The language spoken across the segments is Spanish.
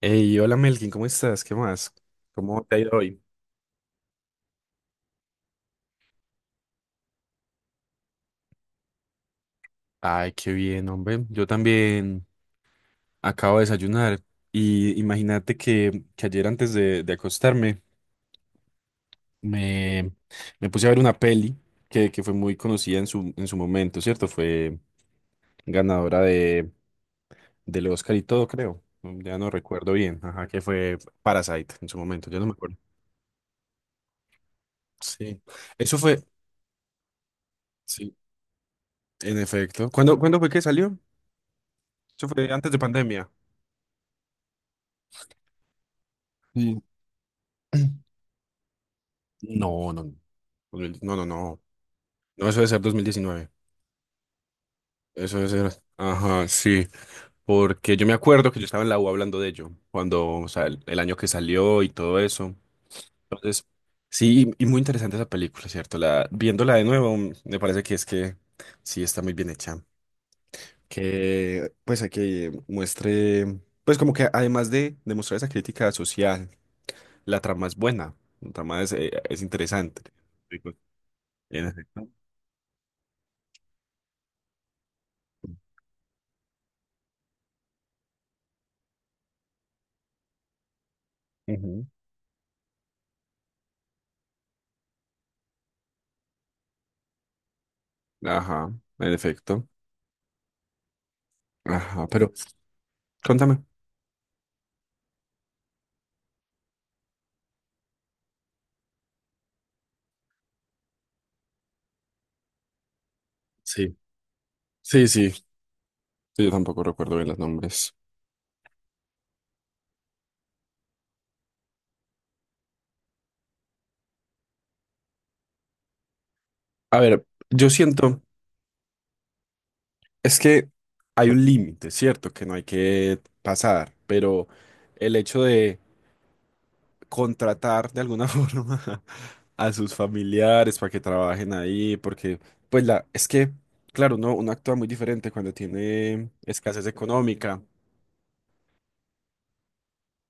Hey, hola Melkin, ¿cómo estás? ¿Qué más? ¿Cómo te ha ido hoy? Ay, qué bien, hombre. Yo también acabo de desayunar y imagínate que ayer antes de acostarme me, me puse a ver una peli que fue muy conocida en su momento, ¿cierto? Fue ganadora del Oscar y todo, creo. Ya no recuerdo bien, ajá, que fue Parasite en su momento, yo no me acuerdo. Sí, eso fue, sí, en efecto. ¿Cuándo fue que salió? Eso fue antes de pandemia. Sí. No, no, no, 2000 no, no, no, no, eso debe ser 2019, eso debe ser, ajá, sí, porque yo me acuerdo que yo estaba en la U hablando de ello, cuando, o sea, el año que salió y todo eso, entonces, sí, y muy interesante esa película, ¿cierto? La, viéndola de nuevo, me parece que es que sí está muy bien hecha, que, pues, a que muestre, pues, como que además de demostrar esa crítica social, la trama es buena, la trama es interesante. Ujú. Ajá, en efecto. Ajá, pero contame. Sí, sí, sí. Yo tampoco recuerdo bien los nombres. A ver, yo siento, es que hay un límite, ¿cierto? Que no hay que pasar, pero el hecho de contratar de alguna forma a sus familiares para que trabajen ahí, porque, pues la, es que, claro, uno actúa muy diferente cuando tiene escasez económica.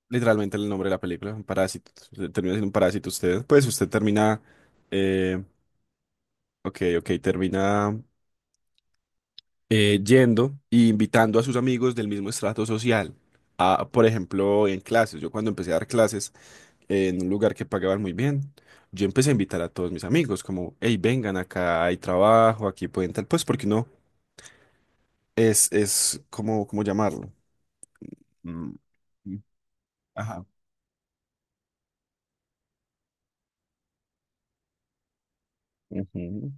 Literalmente el nombre de la película, un parásito. Se termina siendo un parásito usted. Pues usted termina, eh, ok, ok, termina yendo e invitando a sus amigos del mismo estrato social. A, por ejemplo, en clases. Yo cuando empecé a dar clases, en un lugar que pagaban muy bien, yo empecé a invitar a todos mis amigos, como, hey, vengan acá, hay trabajo, aquí pueden tal. Pues porque no, es como, ¿cómo llamarlo? Mm, mm, ajá. Ujú.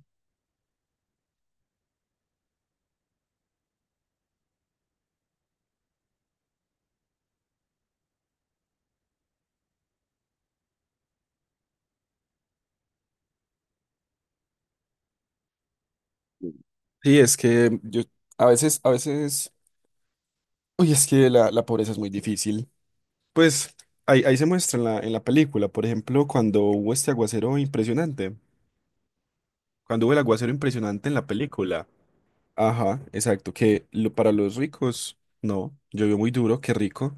Sí, es que yo a veces Uy, es que la, pobreza es muy difícil. Pues ahí se muestra en la película, por ejemplo, cuando hubo el aguacero impresionante en la película. Ajá, exacto, que lo, para los ricos, no, llovió muy duro,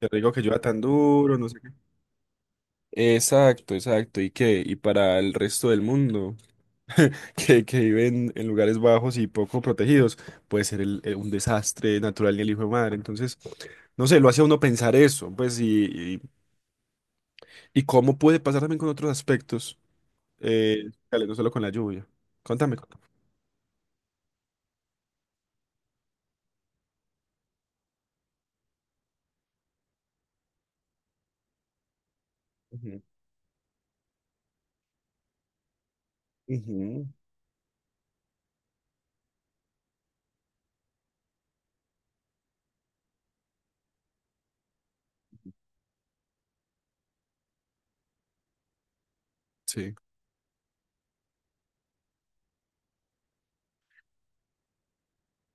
qué rico que llueva tan duro, no sé qué. Exacto, exacto, y para el resto del mundo, que viven en lugares bajos y poco protegidos, puede ser un desastre natural ni el hijo de madre, entonces... No sé, lo hace a uno pensar eso, pues, ¿Y cómo puede pasar también con otros aspectos? Dale, no solo con la lluvia. Contame, contame. Ujú, ujú. Sí,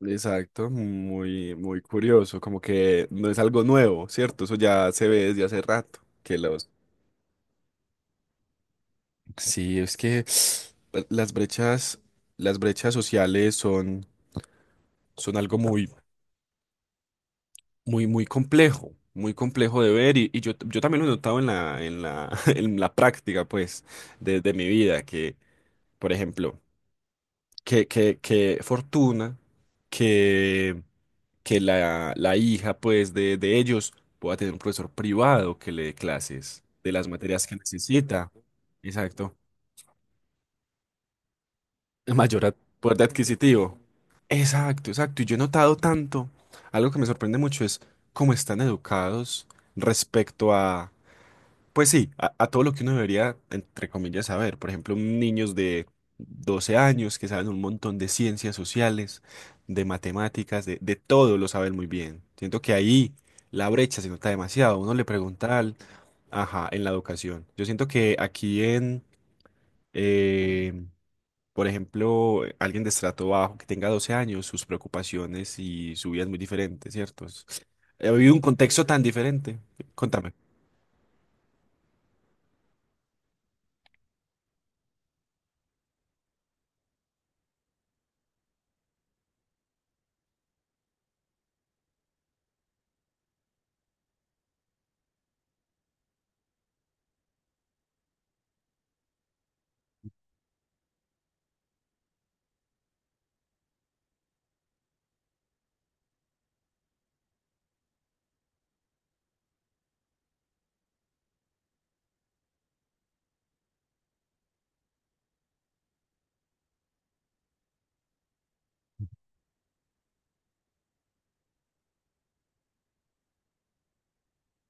exacto, muy, muy curioso, como que no es algo nuevo, ¿cierto? Eso ya se ve desde hace rato, que los... Sí, es que las brechas, las brechas, sociales son algo muy, muy, muy complejo de ver y, yo también lo he notado en la práctica, pues, desde mi vida, que, por ejemplo, que Fortuna, que, que la hija pues de ellos pueda tener un profesor privado que le dé clases de las materias que necesita. Exacto. Mayor ad- poder adquisitivo. Exacto, exacto. Y yo he notado tanto, algo que me sorprende mucho es cómo están educados respecto a, pues sí, a todo lo que uno debería, entre comillas, saber. Por ejemplo, niños de 12 años que saben un montón de ciencias sociales, de matemáticas, de todo lo saben muy bien. Siento que ahí la brecha se nota demasiado. Uno le pregunta al, ajá, en la educación. Yo siento que aquí en, eh, por ejemplo, alguien de estrato bajo que tenga 12 años, sus preocupaciones y su vida es muy diferente, ¿cierto? He vivido un contexto tan diferente. Contame.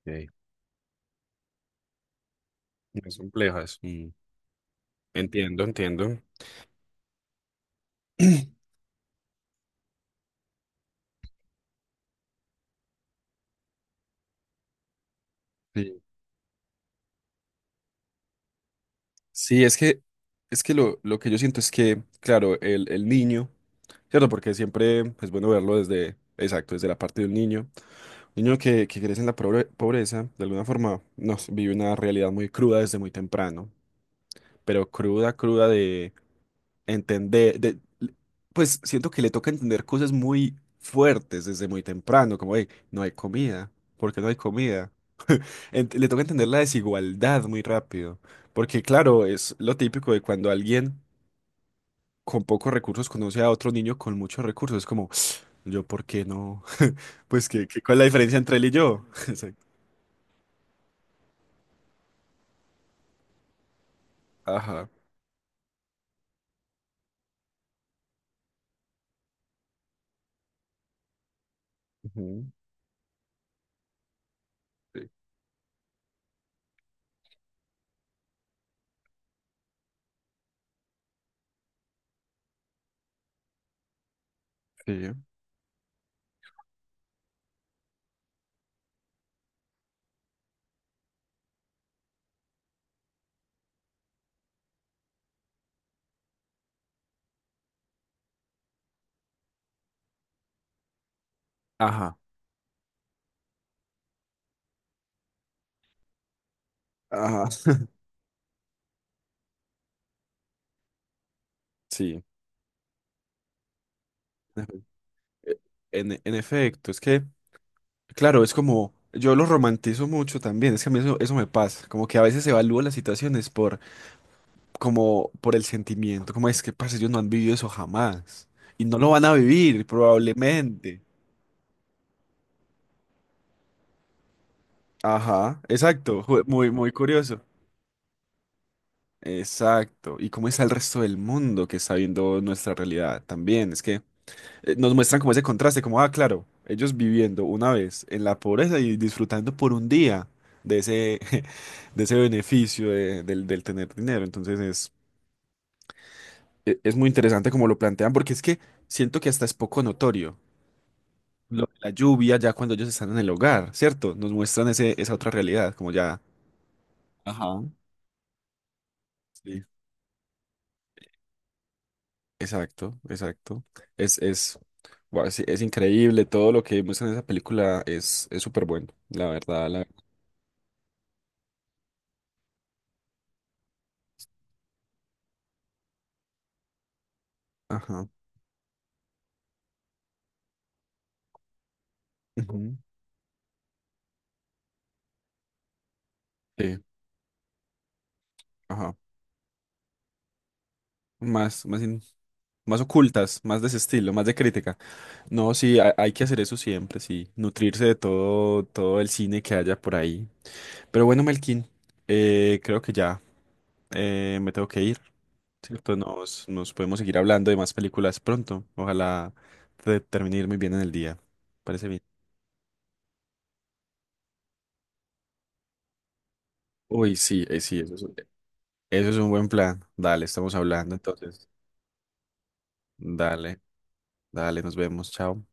Ok. Muy complejas. Entiendo, entiendo. Sí, sí, es que lo, que yo siento es que, claro, el niño, ¿cierto? Porque siempre es bueno verlo desde, exacto, desde la parte de un niño. Un niño que crece en la pobreza, de alguna forma, no, sé, vive una realidad muy cruda desde muy temprano, pero cruda, cruda de entender, pues siento que le toca entender cosas muy fuertes desde muy temprano, como, hey, no hay comida, ¿por qué no hay comida? Le toca entender la desigualdad muy rápido, porque claro, es lo típico de cuando alguien con pocos recursos conoce a otro niño con muchos recursos, es como, yo, ¿por qué no? Pues, ¿cuál es la diferencia entre él y yo? Exacto. Ajá. Ujú. Sí. Sí. Ajá. Ajá. Sí. E- en efecto, es que, claro, es como, yo lo romantizo mucho también, es que a mí eso me pasa, como que a veces evalúo las situaciones por como por el sentimiento, como es que, parce, ellos no han vivido eso jamás y no lo van a vivir probablemente. Ajá, exacto, muy, muy curioso. Exacto. ¿Y cómo está el resto del mundo que está viendo nuestra realidad también? Es que nos muestran como ese contraste, como, ah, claro, ellos viviendo una vez en la pobreza y disfrutando por un día de ese, de ese beneficio del tener dinero. Entonces es muy interesante como lo plantean, porque es que siento que hasta es poco notorio lo de la lluvia ya cuando ellos están en el hogar, ¿cierto? Nos muestran esa otra realidad, como ya. Ajá. Sí. Exacto, exacto. Es, es, guau, sí, increíble, todo lo que muestran en esa película es súper bueno, la verdad, la verdad. Ajá. Ujú, sí, ajá. Más, más, in- más ocultas, más de ese estilo, más de crítica. No, sí, hay, que hacer eso siempre, sí. Nutrirse de todo, todo el cine que haya por ahí. Pero bueno, Melkin, creo que ya me tengo que ir. ¿Cierto? Nos podemos seguir hablando de más películas pronto. Ojalá te termine de ir muy bien en el día. Parece bien. Uy, sí, sí, eso es un buen plan. Dale, estamos hablando entonces. Dale, dale, nos vemos. Chao.